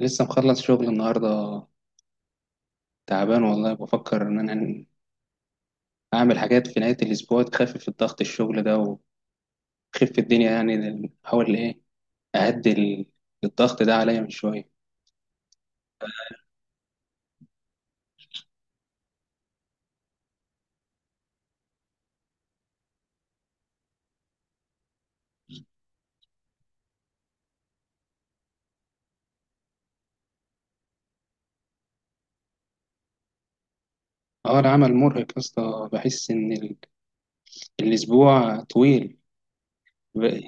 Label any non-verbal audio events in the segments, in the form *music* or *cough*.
لسه مخلص شغل النهاردة. تعبان والله، بفكر إن أنا أعمل حاجات في نهاية الأسبوع تخفف الضغط الشغل ده وتخف الدنيا، يعني أحاول أهدي الضغط ده عليا من شوية. أه، العمل مرهق يا اسطى، بحس إن الأسبوع طويل، ب-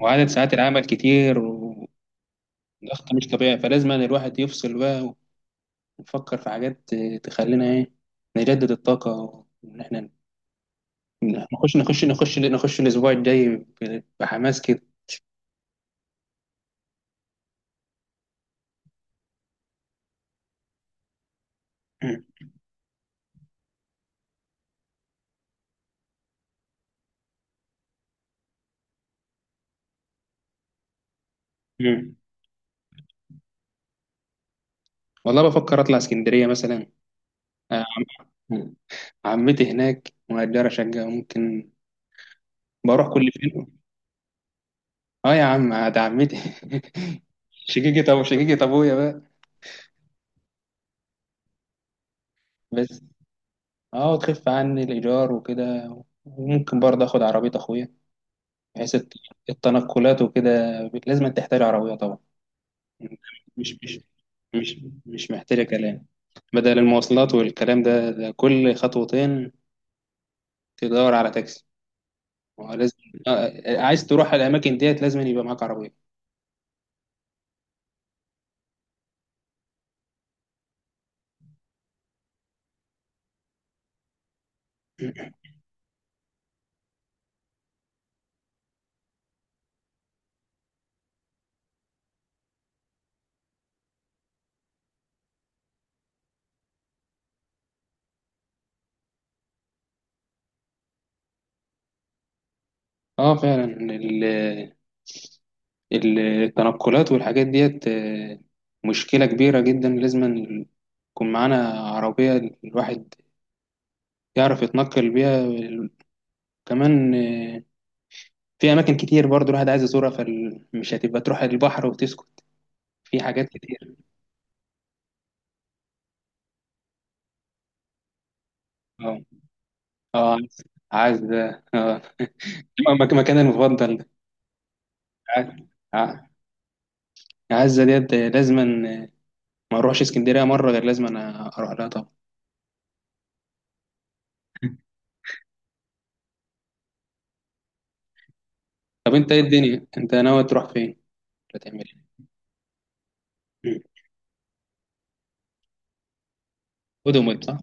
وعدد ساعات العمل كتير وضغط مش طبيعي، فلازم أن الواحد يفصل بقى ويفكر في حاجات تخلينا إيه، نجدد الطاقة، وإن إحنا نخش الأسبوع الجاي بحماس كده. مم. والله بفكر اطلع اسكندريه مثلا. آه، عمتي هناك مؤجره شقه، ممكن بروح كل فين. اه يا عم، ده عمتي *laughs* شقيقة شقيقة ابويا بقى. بس اه، وتخف عني الايجار وكده، وممكن برضه اخد عربيه اخويا، بحيث التنقلات وكده لازم تحتاج عربيه طبعا. مش مش مش مش محتاجه كلام، بدل المواصلات والكلام ده، ده كل خطوتين تدور على تاكسي، ما هو لازم. عايز تروح على الاماكن ديت، لازم يبقى معاك عربيه. *clears throat* اه فعلا، ال- التنقلات والحاجات ديت آه، مشكله كبيره جدا. لازم يكون معانا عربيه الواحد يعرف يتنقل بيها. كمان آه، في اماكن كتير برضو الواحد عايز يزورها، فمش هتبقى تروح البحر وتسكت، في حاجات كتير. اه. اه عايز، عايز ده اه، مكان المفضل ده. عايز- آه، عايز- عايزة ديت لازما آه، ما اروحش اسكندريه مره غير لازم انا اروح لها طبعا. طب انت ايه الدنيا، انت ناوي تروح فين ولا تعمل ايه؟ مم. ودومت صح.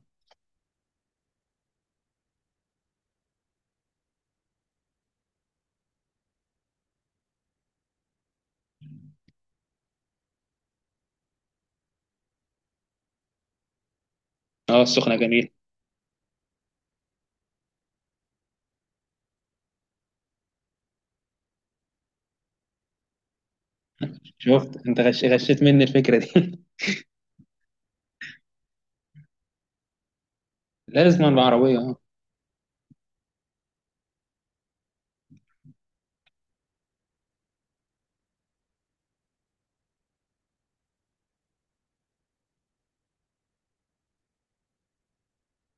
اه السخنه جميل. شفت انت غشيت مني الفكره دي *laughs* لازم بعربيه اه.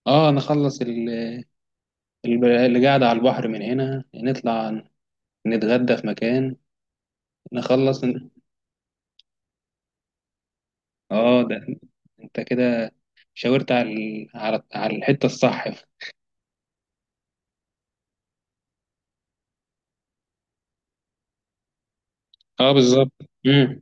اه، نخلص اللي قاعده على البحر، من هنا نطلع نتغدى في مكان، نخلص اه ده، انت كده شاورت على على الحته الصح. اه بالظبط. مم.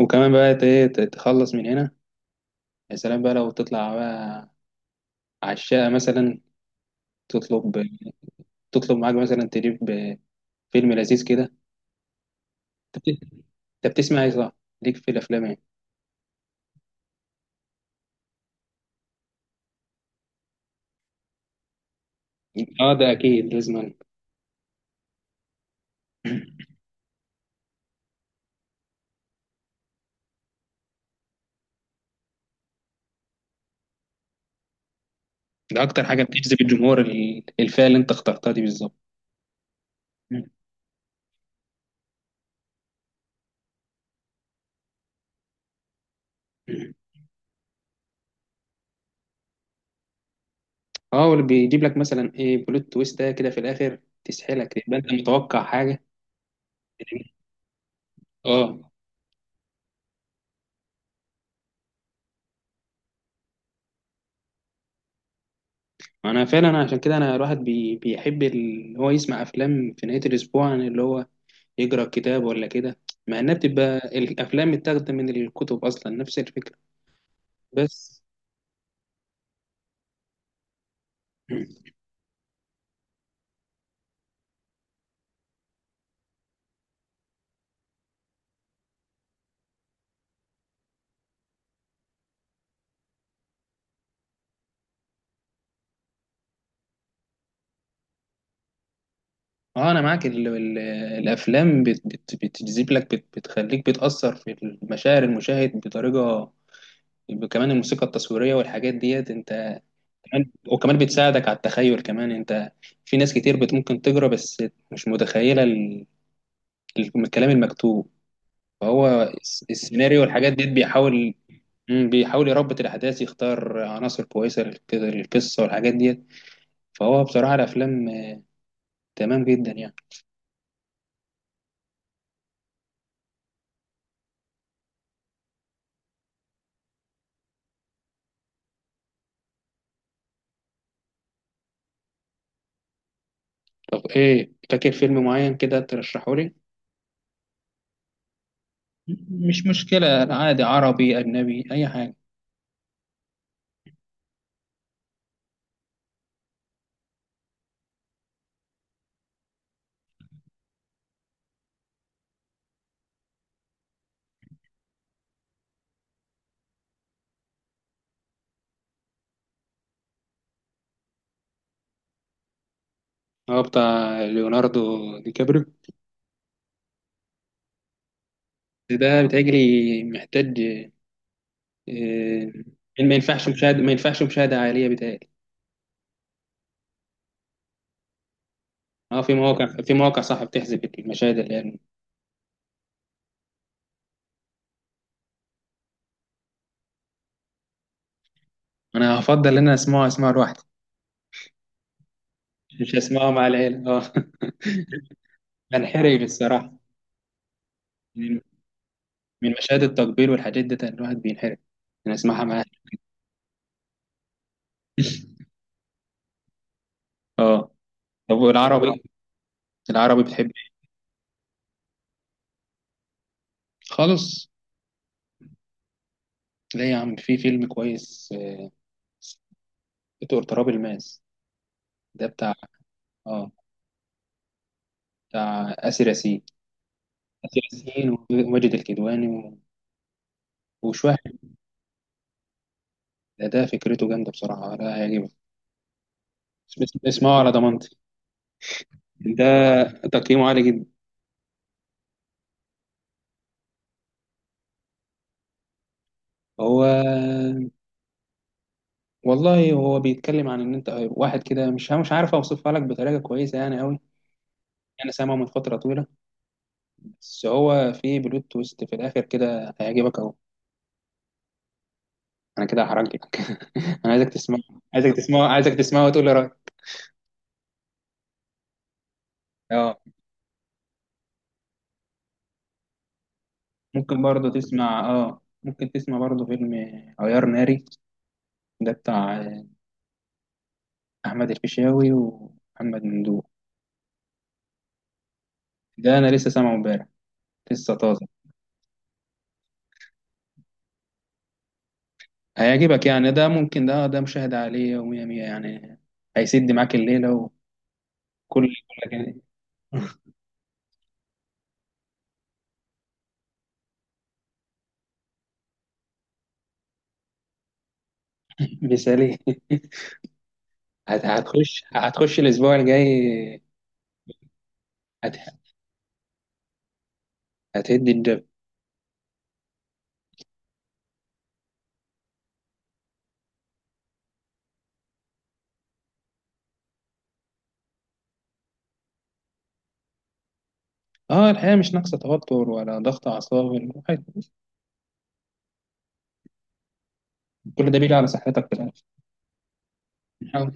وكمان بقى تخلص من هنا. يا سلام بقى لو تطلع بقى على الشقه مثلا، تطلب، تطلب معاك مثلا، تجيب فيلم لذيذ كده. انت بت- أنت بتسمع ايه صح؟ ليك في الافلام يعني. اه ده اكيد لازم. ده اكتر حاجه بتجذب الجمهور الفئه اللي انت اخترتها دي بالظبط. اه واللي بيجيب لك مثلا ايه، بلوت تويست ده كده في الاخر، تسحلك، تبقى انت متوقع حاجه. اه انا فعلا، عشان كده انا الواحد بيحب اللي هو يسمع افلام في نهايه الاسبوع عن اللي هو يقرا كتاب ولا كده، مع انها بتبقى الافلام متاخده من الكتب اصلا نفس الفكره. بس اه، انا معاك، ال ال الافلام بت بت بتجذب لك، بتخليك بتاثر في المشاعر المشاهد بطريقه، كمان الموسيقى التصويريه والحاجات ديت انت، كمان وكمان بتساعدك على التخيل كمان انت، في ناس كتير ممكن تقرا بس مش متخيله الكلام المكتوب، فهو السيناريو والحاجات ديت بيحاول، مم، بيحاول يربط الأحداث، يختار عناصر كويسة للقصة والحاجات ديت. فهو بصراحة الأفلام آه، تمام جدا يعني. طب إيه، فاكر فيلم معين كده ترشحه لي؟ مش مشكلة، عادي عربي أجنبي أي حاجة. هو بتاع ليوناردو دي كابريو. ده بيتهيألي محتاج آه، ما ينفعش مشاهدة، ما ينفعش مشاهدة عائلية بيتهيألي. اه، في مواقع، في مواقع صح بتحذف المشاهد اللي يعني. أنا هفضل إن أنا أسمعه، أسمعه لوحدي، مش أسمعه مع العيلة اه. *laughs* هنحرج بالصراحة، من من مشاهد التقبيل والحاجات دي الواحد بينحرج أنا أسمعها معاه *laughs* اه طب، والعربي العربي بتحب إيه؟ خالص. لا يا عم، في فيلم كويس آه، دكتور تراب الماس. ده بتاع اه، بتاع آسر ياسين. آسر ياسين وماجد الكدواني وشوية. ده فكرته جامدة بصراحة، ده هيعجبك. اسمعه على ضمانتي، ده تقييمه عالي جدا. هو والله هو بيتكلم عن ان انت واحد كده، مش مش عارف اوصفها لك بطريقة كويسة يعني قوي. انا سامعه من فترة طويلة. بس هو في بلوت تويست في الاخر كده هيعجبك اهو. انا كده هحرجك *laughs* انا عايزك تسمعه، عايزك تسمعه وتقول لي رأيك. اه، ممكن برضه تسمع، اه ممكن تسمع برضه فيلم عيار ناري. ده بتاع آه، احمد الفيشاوي ومحمد ممدوح. ده انا لسه سامعه امبارح، لسه طازه. هيعجبك يعني، ده ممكن، ده مشاهدة عالية ومية مية يعني، هيسد معاك الليلة وكل كل كده. *laughs* مثالي، هتخش الأسبوع الجاي، هت- هتهد الدب. اه الحقيقة مش ناقصة توتر ولا ضغط أعصاب الواحد، كل ده بيجي على صحتك في الآخر.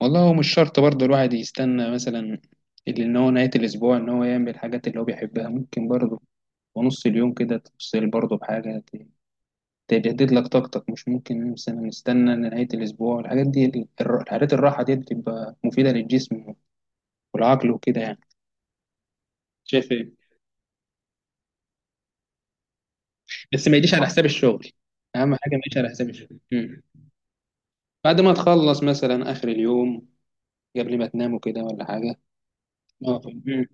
والله هو مش شرط برضه الواحد يستنى مثلا اللي ان هو نهاية الأسبوع إن هو يعمل الحاجات اللي هو بيحبها، ممكن برضه ونص اليوم كده تفصل برضه بحاجة تجدد لك طاقتك. مش ممكن مثلا نستنى نهاية الأسبوع، الحاجات دي الحاجات الراحة دي بتبقى مفيدة للجسم والعقل وكده يعني. شايف إيه؟ بس ما يجيش على حساب الشغل، أهم حاجة ما يجيش على حساب الشغل. مم. بعد ما تخلص مثلا آخر اليوم، قبل ما تنام وكده ولا حاجة. اه. مم.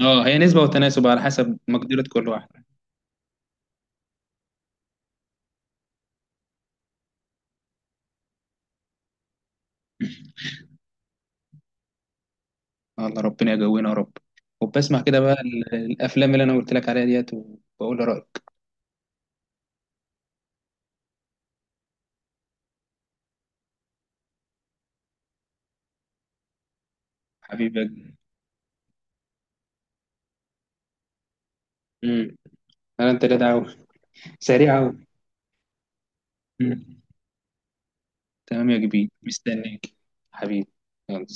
اه، هي نسبة وتناسب على حسب مقدرة كل واحد. الله ربنا يجوينا يا رب. وبسمع كده بقى الافلام اللي انا قلت لك عليها ديت، وبقول لي رايك. حبيبي يا كبير. امم. انا انت لا دعوه، سريع قوي. تمام يا كبير، مستنيك. حبيبي، يلا.